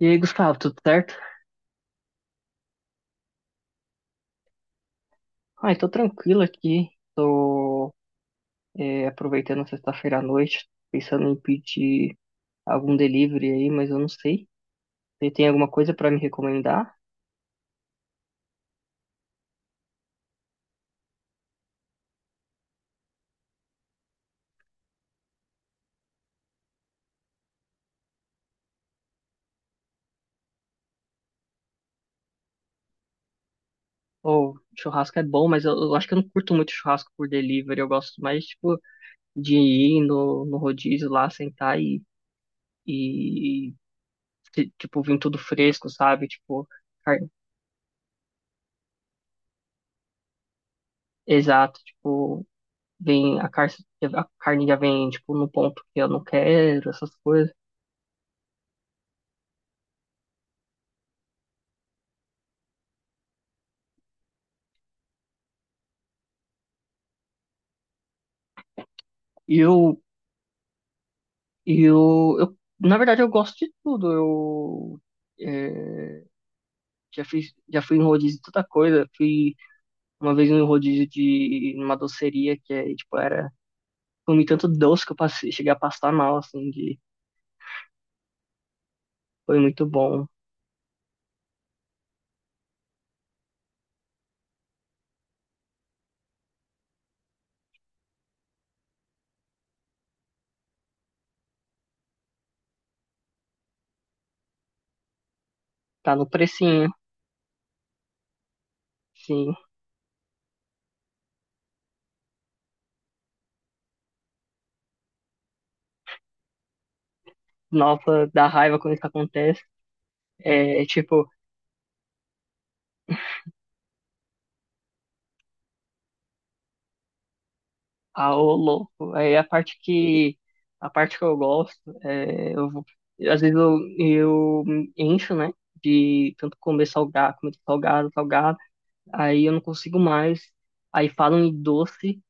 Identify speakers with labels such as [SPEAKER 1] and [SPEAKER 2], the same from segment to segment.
[SPEAKER 1] E aí, Gustavo, tudo certo? Ai, tô tranquilo aqui. Tô aproveitando a sexta-feira à noite, pensando em pedir algum delivery aí, mas eu não sei. Você tem alguma coisa pra me recomendar? Ou churrasco é bom, mas eu acho que eu não curto muito churrasco por delivery. Eu gosto mais, tipo, de ir no rodízio lá, sentar e, tipo, vir tudo fresco, sabe? Tipo, car- exato, tipo, Vem a carne, a carne já vem, tipo, no ponto que eu não quero, essas coisas. E eu, e eu, na verdade, eu gosto de tudo. Eu é, já fui em rodízio de tanta coisa. Fui uma vez em rodízio de numa doceria que tipo, era, comi tanto doce que eu cheguei a passar mal, assim, foi muito bom. Tá no precinho, sim. Nova, dá raiva quando isso acontece. É, tipo, ah, ô louco. Aí a parte que eu gosto, eu às vezes eu me encho, né, de tanto comer salgado, salgado, aí eu não consigo mais. Aí falam em doce,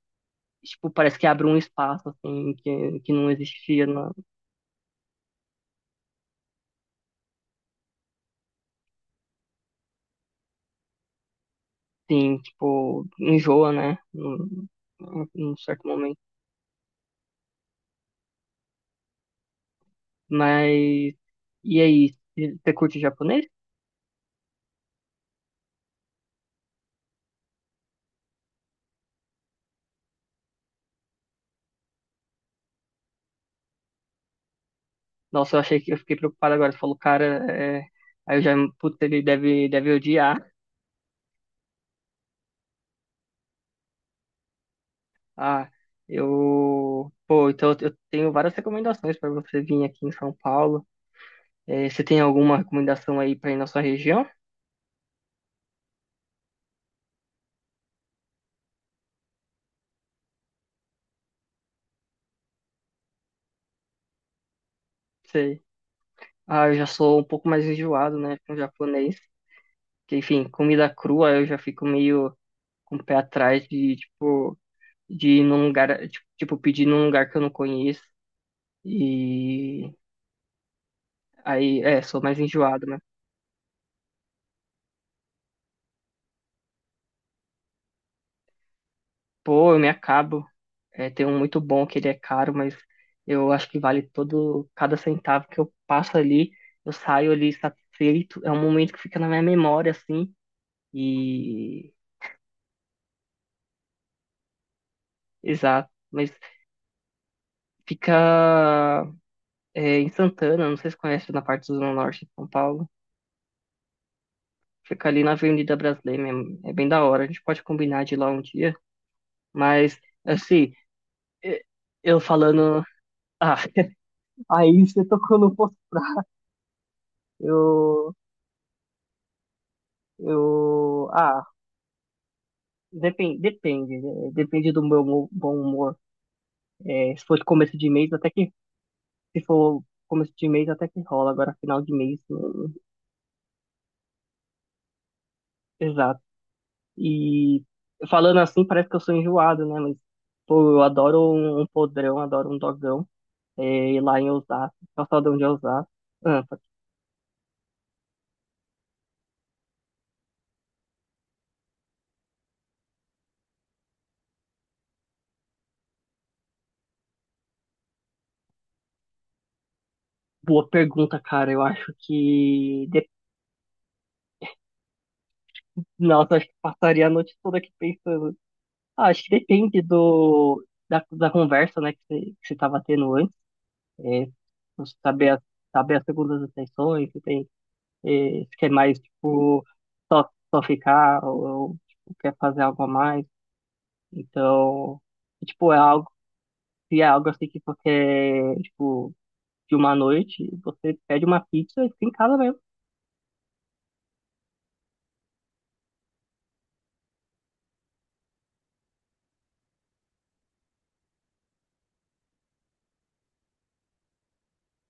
[SPEAKER 1] tipo, parece que abre um espaço assim que não existia, assim, tipo, enjoa, né, num certo momento. Mas e aí, você curte japonês? Nossa, eu achei que eu fiquei preocupado agora. Você falou, cara, é... aí eu já, putz, ele deve odiar. Ah, pô, então eu tenho várias recomendações para você vir aqui em São Paulo. É, você tem alguma recomendação aí para ir na sua região? Sei. Ah, eu já sou um pouco mais enjoado, né, com japonês. Que, enfim, comida crua eu já fico meio com o pé atrás de, tipo, de ir num lugar, tipo, pedir num lugar que eu não conheço. E aí, sou mais enjoado, né? Pô, eu me acabo. É, tem um muito bom que ele é caro, mas eu acho que vale cada centavo que eu passo ali, eu saio ali satisfeito. É um momento que fica na minha memória, assim, e exato. Mas fica em Santana, não sei se conhece na parte do Zona Norte de São Paulo. Fica ali na Avenida Brasileira, mesmo. É bem da hora. A gente pode combinar de ir lá um dia, mas assim, é, eu falando. Ah, aí você tocou no ponto. Eu, eu, ah, Depende, depende do meu bom humor. Se for de começo de mês, até que, se for começo de mês, até que rola. Agora, final de mês, exato. E falando assim, parece que eu sou enjoado, né? Mas, pô, eu adoro um podrão, adoro um dogão. E lá em Osasco, calçadão de Osasco. Ah, boa pergunta, cara. Eu acho que, nossa, acho que passaria a noite toda aqui pensando. Ah, acho que depende da conversa, né, que você tava tendo antes. é, saber, a- saber as segundas intenções, se tem, se quer mais, tipo, só, só ficar ou, tipo, quer fazer algo a mais. Então, tipo, se é algo assim que você quer, tipo, de uma noite, você pede uma pizza e fica em casa mesmo,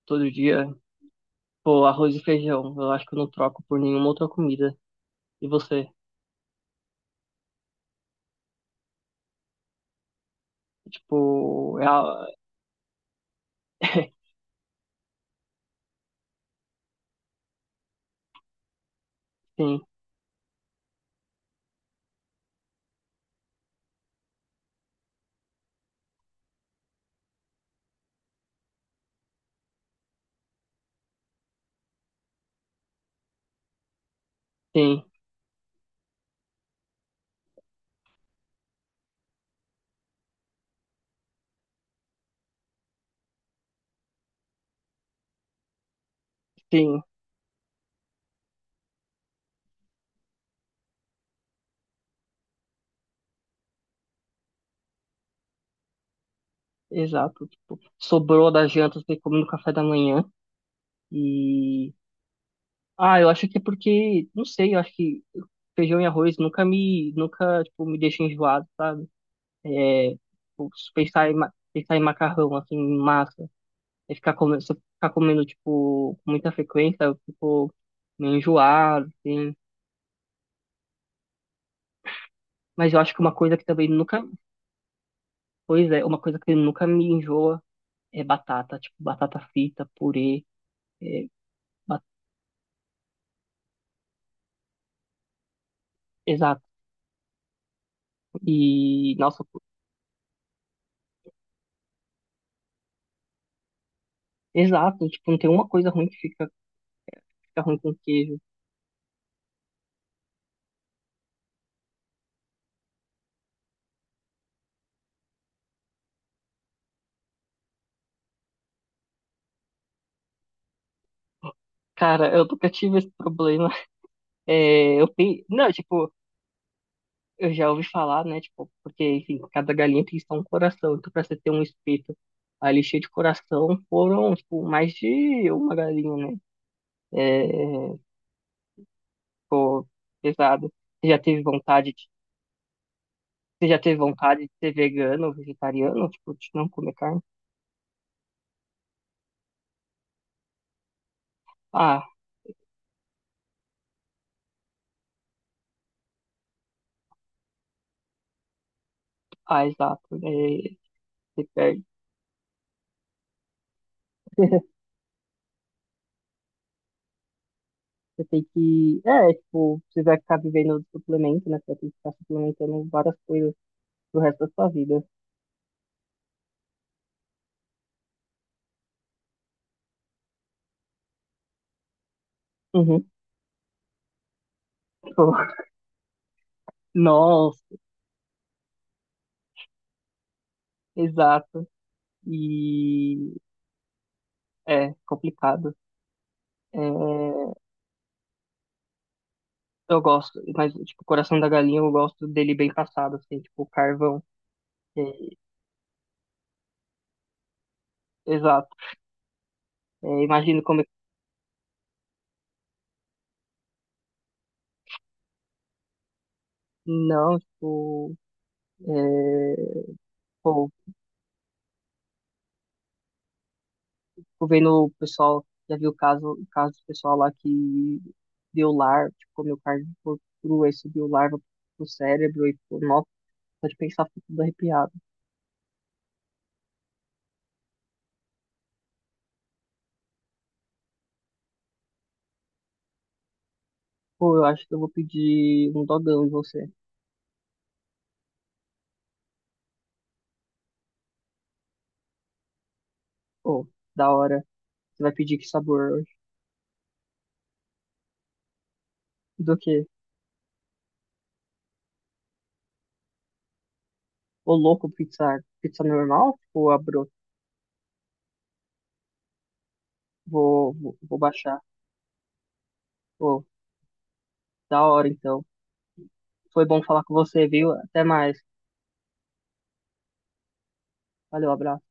[SPEAKER 1] todo dia. Pô, arroz e feijão, eu acho que eu não troco por nenhuma outra comida. E você? Tipo, sim, sim, sim, exato. Tipo, sobrou da janta, você come no café da manhã. E eu acho que é porque, não sei, eu acho que feijão e arroz nunca tipo me deixa enjoado, sabe? É, tipo, se pensar em macarrão assim, em massa, e se eu ficar comendo tipo com muita frequência, eu fico meio enjoado, assim. Mas eu acho que uma coisa que também nunca, pois é, uma coisa que nunca me enjoa é batata, tipo batata frita, purê, é, ba- exato. E nossa, exato, tipo, não tem uma coisa ruim que fica ruim com queijo. Cara, eu nunca tive esse problema. É, não, tipo, eu já ouvi falar, né? Tipo, porque, enfim, cada galinha tem só um coração. Então, pra você ter um espeto ali cheio de coração, foram, tipo, mais de uma galinha, né? É, pô, pesado. Você já teve vontade de... Você já teve vontade de ser vegano ou vegetariano? Tipo, de não comer carne? Ah, ah, exato. É, você perde. Você tem que. É, tipo, você vai ficar vivendo do suplemento, né? Você vai ter que ficar suplementando várias coisas pro resto da sua vida. Uhum. Tipo, nossa, exato. E é complicado. É, eu gosto, mas tipo, o coração da galinha eu gosto dele bem passado, assim, tipo, carvão. É, exato. É, imagino como é que. Não, tipo, é, pô, fico vendo o pessoal, já vi o caso do pessoal lá que deu larva, tipo, comeu carne de porco crua e subiu larva pro cérebro e, pô, nossa, só de pensar fico tudo arrepiado. Pô, eu acho que eu vou pedir um dogão e você. Pô, da hora. Você vai pedir que sabor hoje? Do quê? Ô, louco, pizza normal? Ou abro. Vou baixar. Pô, da hora então. Foi bom falar com você, viu? Até mais. Valeu, abraço.